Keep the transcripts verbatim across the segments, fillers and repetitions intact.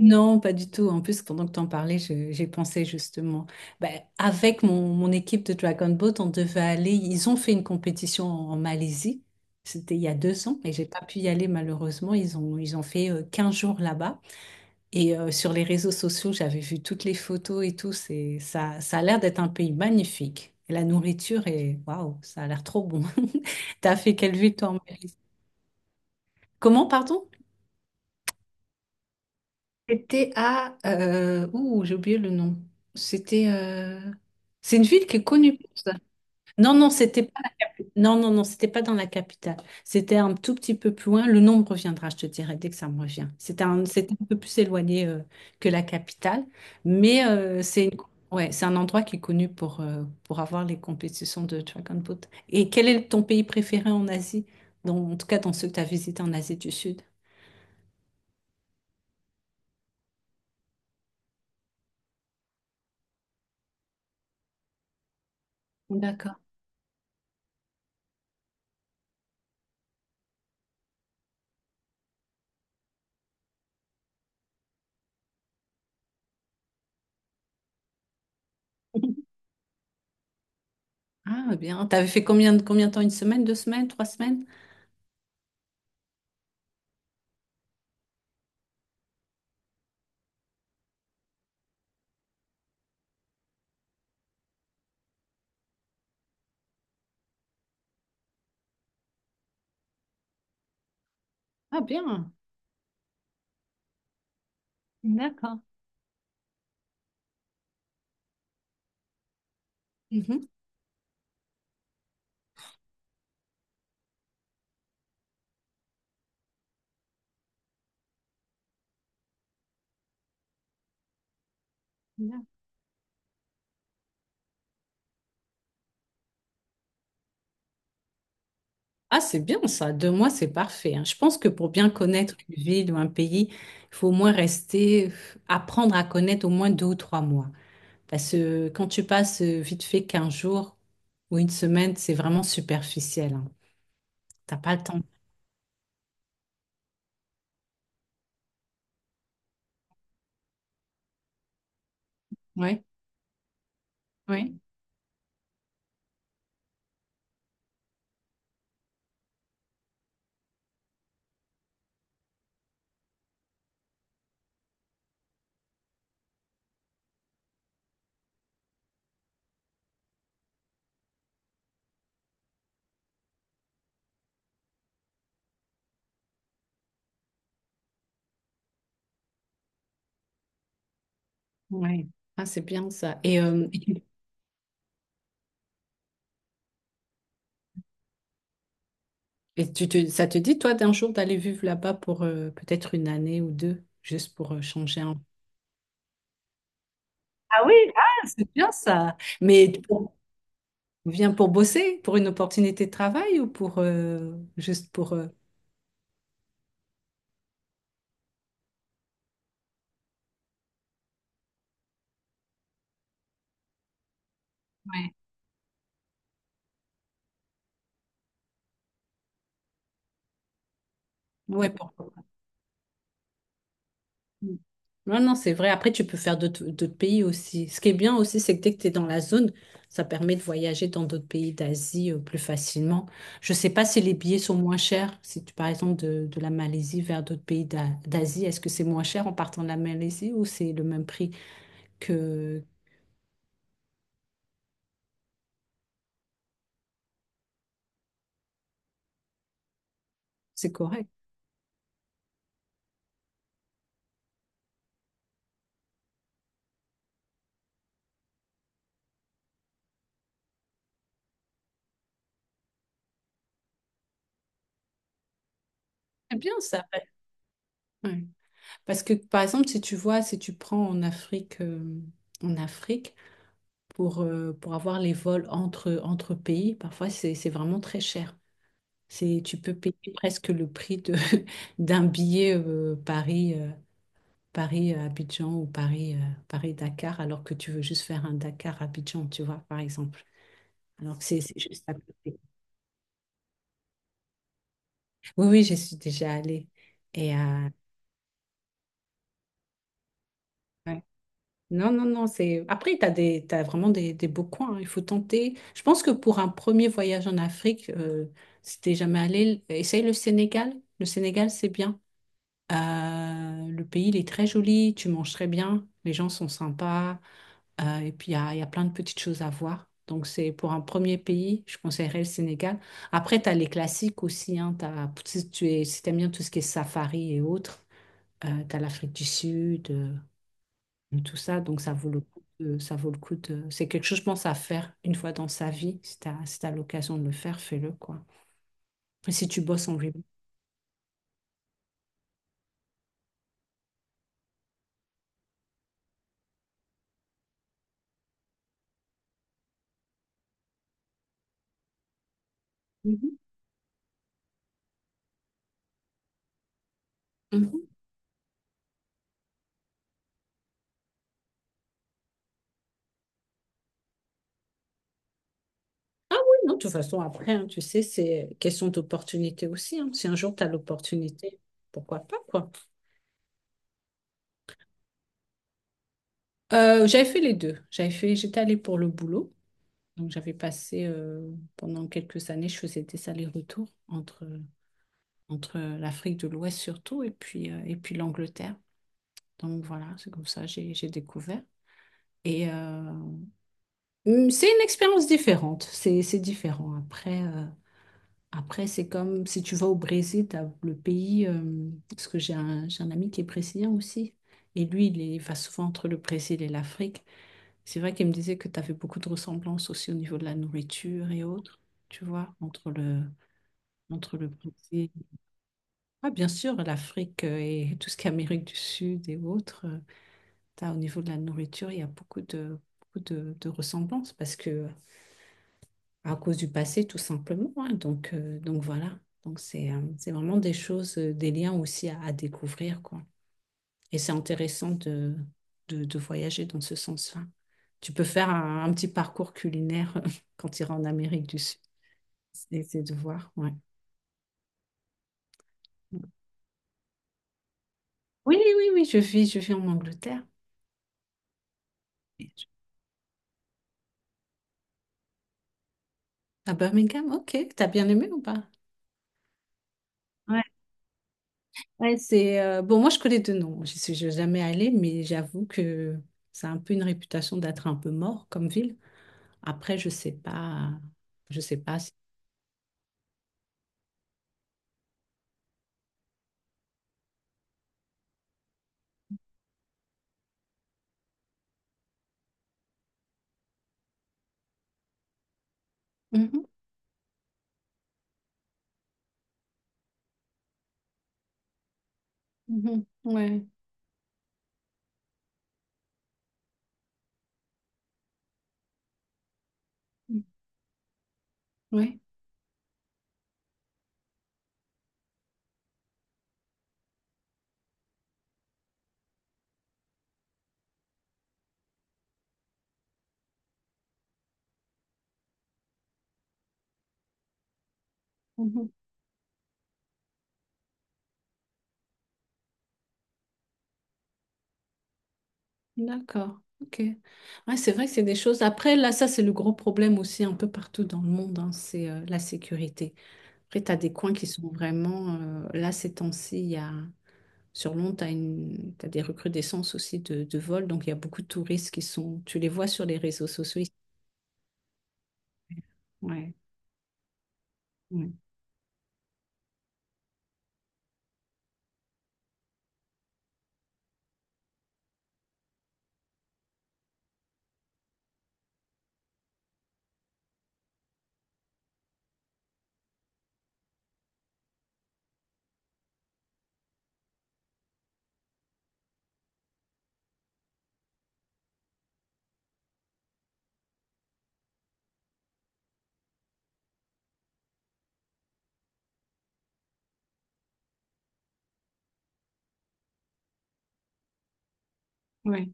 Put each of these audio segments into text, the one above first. Non, pas du tout. En plus, pendant que tu en parlais, je- j'ai pensé justement. Ben, avec mon, mon équipe de Dragon Boat, on devait aller. Ils ont fait une compétition en, en Malaisie. C'était il y a deux ans et j'ai pas pu y aller malheureusement. Ils ont, ils ont fait euh, quinze jours là-bas. Et euh, sur les réseaux sociaux, j'avais vu toutes les photos et tout. C'est, ça, ça a l'air d'être un pays magnifique. Et la nourriture est, waouh, ça a l'air trop bon. T'as fait quelle ville toi en Malaisie? Comment, pardon? C'était à... Euh, ouh, j'ai oublié le nom. C'était... euh, c'est une ville qui est connue. Non, non, c'était pas... Non, non, non, c'était pas dans la capitale. C'était un tout petit peu plus loin. Le nom me reviendra, je te dirai, dès que ça me revient. C'était un, c'était un peu plus éloigné euh, que la capitale. Mais euh, c'est une- ouais, c'est un endroit qui est connu pour, euh, pour avoir les compétitions de Dragon Boat. Et quel est ton pays préféré en Asie? Dans- en tout cas, dans ceux que tu as visités en Asie du Sud. D'accord. Ah, bien. T'avais fait combien, combien de temps? Une semaine, deux semaines, trois semaines? Ah, bien. D'accord. Mhm. Bien. Ah, c'est bien ça. Deux mois, c'est parfait, hein. Je pense que pour bien connaître une ville ou un pays, il faut au moins rester, apprendre à connaître au moins deux ou trois mois. Parce que quand tu passes euh, vite fait quinze jours ou une semaine, c'est vraiment superficiel, hein. T'as pas le temps. Ouais, ouais, ouais. Ah, c'est bien ça. Et euh, et tu te, ça te dit, toi, d'un jour d'aller vivre là-bas pour euh, peut-être une année ou deux, juste pour euh, changer un peu? Ah oui, ah, c'est bien ça. Mais tu viens pour bosser, pour une opportunité de travail ou pour euh, juste pour... euh, ouais. Ouais, pour... Mm. Non, non, c'est vrai. Après, tu peux faire d'autres d'autres pays aussi. Ce qui est bien aussi, c'est que dès que tu es dans la zone, ça permet de voyager dans d'autres pays d'Asie euh, plus facilement. Je sais pas si les billets sont moins chers. Si tu, par exemple, de, de la Malaisie vers d'autres pays d'A- d'Asie, est-ce que c'est moins cher en partant de la Malaisie ou c'est le même prix que c'est correct? C'est bien ça, ouais. Ouais. Parce que, par exemple, si tu vois, si tu prends en Afrique, euh, en Afrique pour, euh, pour avoir les vols entre, entre pays, parfois, c'est c'est vraiment très cher. C'est, tu peux payer presque le prix de, d'un billet euh, Paris, euh, Paris-Abidjan ou Paris, euh, Paris-Dakar, alors que tu veux juste faire un Dakar-Abidjan, tu vois, par exemple. Alors que c'est c'est juste à côté. Oui, oui, j'y suis déjà allée. Et, euh, ouais. Non, non, non, c'est... Après, tu as des, t'as vraiment des, des beaux coins, hein, il faut tenter. Je pense que pour un premier voyage en Afrique, euh, si t'es jamais allé, essaye le Sénégal. Le Sénégal, c'est bien. Euh, le pays, il est très joli, tu manges très bien, les gens sont sympas, euh, et puis il y a, il y a plein de petites choses à voir. Donc c'est pour un premier pays, je conseillerais le Sénégal. Après, tu as les classiques aussi, hein, t'as- si tu es, si t'aimes bien tout ce qui est safari et autres, tu as l'Afrique du Sud, euh, tout ça, donc ça vaut le coup de- ça vaut le coup de... C'est quelque chose, je pense, à faire une fois dans sa vie. Si tu as, l'occasion de le faire, fais-le, quoi. Et si tu bosses en remote. Mhm. Ah oui, non, de toute façon, après, hein, tu sais, c'est question d'opportunité aussi, hein. Si un jour tu as l'opportunité, pourquoi pas, quoi. Euh, j'avais fait les deux. J'avais fait, j'étais allée pour le boulot. Donc, j'avais passé euh, pendant quelques années, je faisais des allers-retours entre, entre l'Afrique de l'Ouest surtout et puis, euh, et puis l'Angleterre. Donc, voilà, c'est comme ça, j'ai, j'ai découvert. Et euh, hum, c'est une expérience différente. C'est, c'est différent. Après, euh, après, c'est comme si tu vas au Brésil, t'as le pays, euh, parce que j'ai un, j'ai un ami qui est brésilien aussi, et lui, il, est- il va souvent entre le Brésil et l'Afrique. C'est vrai qu'il me disait que tu avais beaucoup de ressemblances aussi au niveau de la nourriture et autres, tu vois, entre le, entre le Brésil. Ah, bien sûr, l'Afrique euh, et tout ce qui est Amérique du Sud et autres, euh, t'as, au niveau de la nourriture, il y a beaucoup de, beaucoup de, de ressemblances, parce que à cause du passé, tout simplement, hein. Donc, euh, donc voilà. Donc c'est euh, c'est vraiment des choses, euh, des liens aussi à, à découvrir, quoi. Et c'est intéressant de, de, de voyager dans ce sens-là. Tu peux faire un, un petit parcours culinaire quand tu iras en Amérique du Sud. C'est c'est de voir, ouais. Oui, oui, oui, oui, je vis, je vis en Angleterre. À Birmingham, ok. T'as bien aimé ou pas? Ouais, ouais, c'est euh, bon. Moi, je connais deux noms. Je suis je suis jamais allée, mais j'avoue que ça a un peu une réputation d'être un peu mort comme ville. Après, je sais pas, je sais pas si- mhm, mhm, ouais, mm, ouais, mhm, d'accord, ok. Ouais, c'est vrai que c'est des choses. Après, là, ça, c'est le gros problème aussi un peu partout dans le monde, hein, c'est euh, la sécurité. Après, tu as des coins qui sont vraiment. Euh, là, ces temps-ci, il y a. Sur Londres, tu as une... t'as des recrudescences aussi de, de vols, donc il y a beaucoup de touristes qui sont. Tu les vois sur les réseaux sociaux. ils- Ouais, ouais, ouais.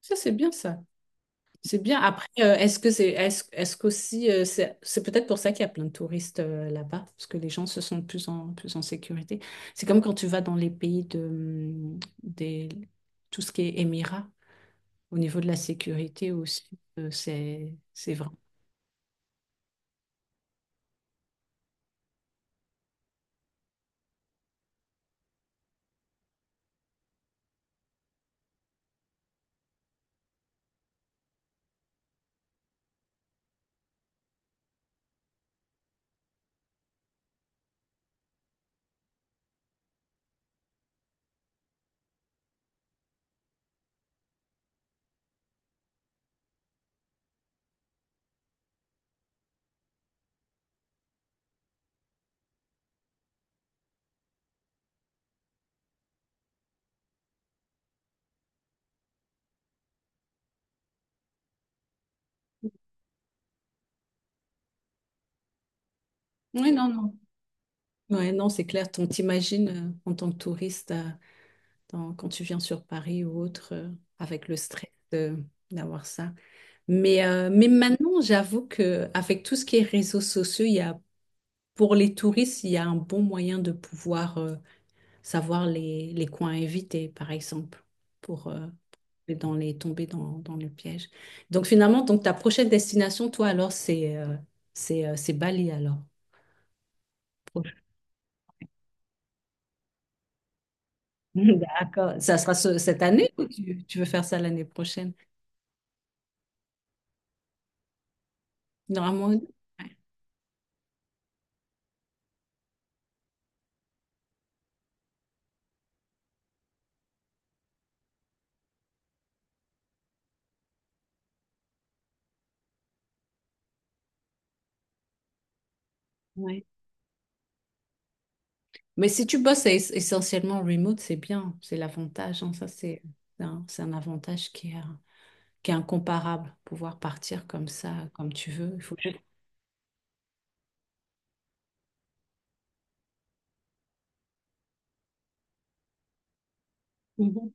Ça, c'est bien ça. C'est bien. Après, euh, est-ce que c'est, est-ce, est-ce qu'aussi, euh, c'est, c'est peut-être pour ça qu'il y a plein de touristes euh, là-bas, parce que les gens se sentent plus en, plus en sécurité. C'est comme quand tu vas dans les pays de, hum, des, tout ce qui est Émirats, au niveau de la sécurité aussi, euh, c'est, c'est vrai. Oui, non, non. Ouais, non, c'est clair. On t'imagine euh, en tant que touriste, euh, dans- quand tu viens sur Paris ou autre, euh, avec le stress de- d'avoir ça. Mais, euh, mais maintenant, j'avoue que avec tout ce qui est réseaux sociaux, il y a pour les touristes, il y a un bon moyen de pouvoir euh, savoir les, les coins à éviter, par exemple, pour euh, tomber dans les, tomber dans, dans le piège. Donc finalement, donc ta prochaine destination, toi, alors, c'est euh, c'est euh, c'est Bali, alors. Proche. D'accord. Ça sera ce- cette année ou tu, tu veux faire ça l'année prochaine? Normalement, ouais. Ouais. Mais si tu bosses es- essentiellement remote, c'est bien, c'est l'avantage, hein. Ça, c'est c'est un, c'est un avantage qui est... euh, qui est incomparable, pouvoir partir comme ça, comme tu veux. Il faut juste... Mhm,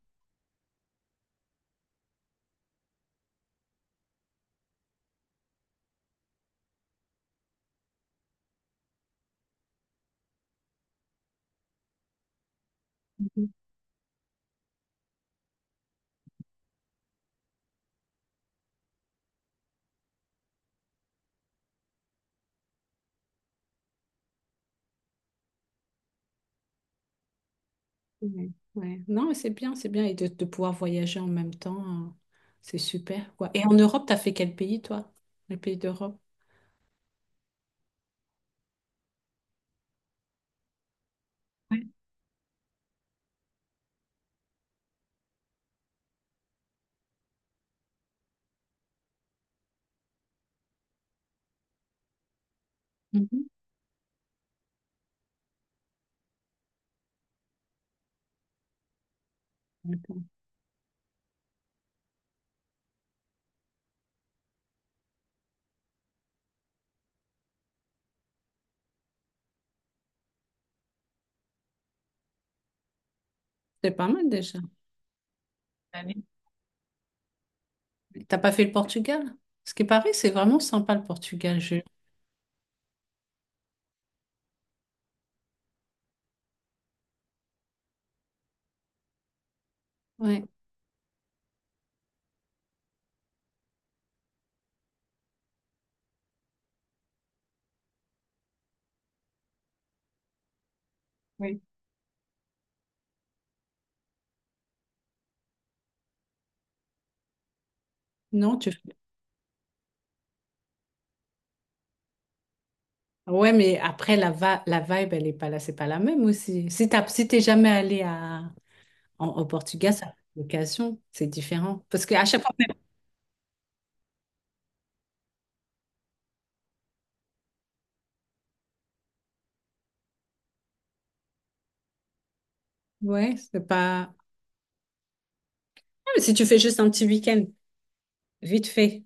mhm, ouais, ouais. Non, mais c'est bien, c'est bien. Et de, de pouvoir voyager en même temps, hein, c'est super, quoi. Et en Europe, t'as fait quel pays, toi? Les pays d'Europe? Ouais. Mhm. C'est pas mal déjà. Allez. T'as pas fait le Portugal? Ce qui paraît, c'est vraiment sympa le Portugal, je... Ouais, ouais. Non, tu... Ouais, mais après, la, va- la vibe, elle est pas là, c'est pas la même aussi. Si t'as... si t'es jamais allé à... En- au Portugal, ça fait location, c'est différent. Parce qu'à chaque fois, ouais, c'est pas. Ah, mais si tu fais juste un petit week-end, vite fait.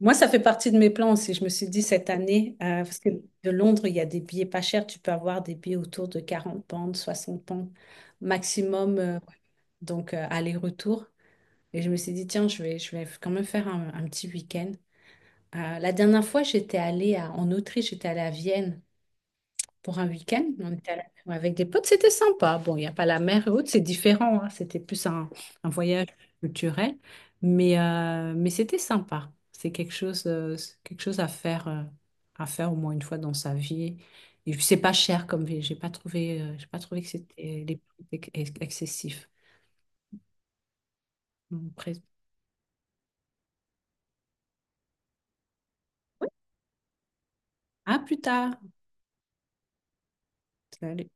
Moi, ça fait partie de mes plans aussi. Je me suis dit cette année, euh, parce que de Londres, il y a des billets pas chers. Tu peux avoir des billets autour de quarante pounds, soixante pounds maximum. Euh, donc, euh, aller-retour. Et je me suis dit, tiens, je vais, je vais quand même faire un, un petit week-end. Euh, la dernière fois, j'étais allée à- en Autriche, j'étais allée à Vienne pour un week-end. On était allé- ouais, avec des potes, c'était sympa. Bon, il n'y a pas la mer et autres, c'est différent, hein. C'était plus un, un voyage culturel, mais, euh, mais c'était sympa. C'est quelque chose, euh, c'est quelque chose à faire, euh, à faire au moins une fois dans sa vie. Et puis, c'est pas cher comme ville. J'ai pas trouvé, euh, j'ai pas trouvé que c'était les prix étaient ex- excessif. Après- à plus tard. Salut.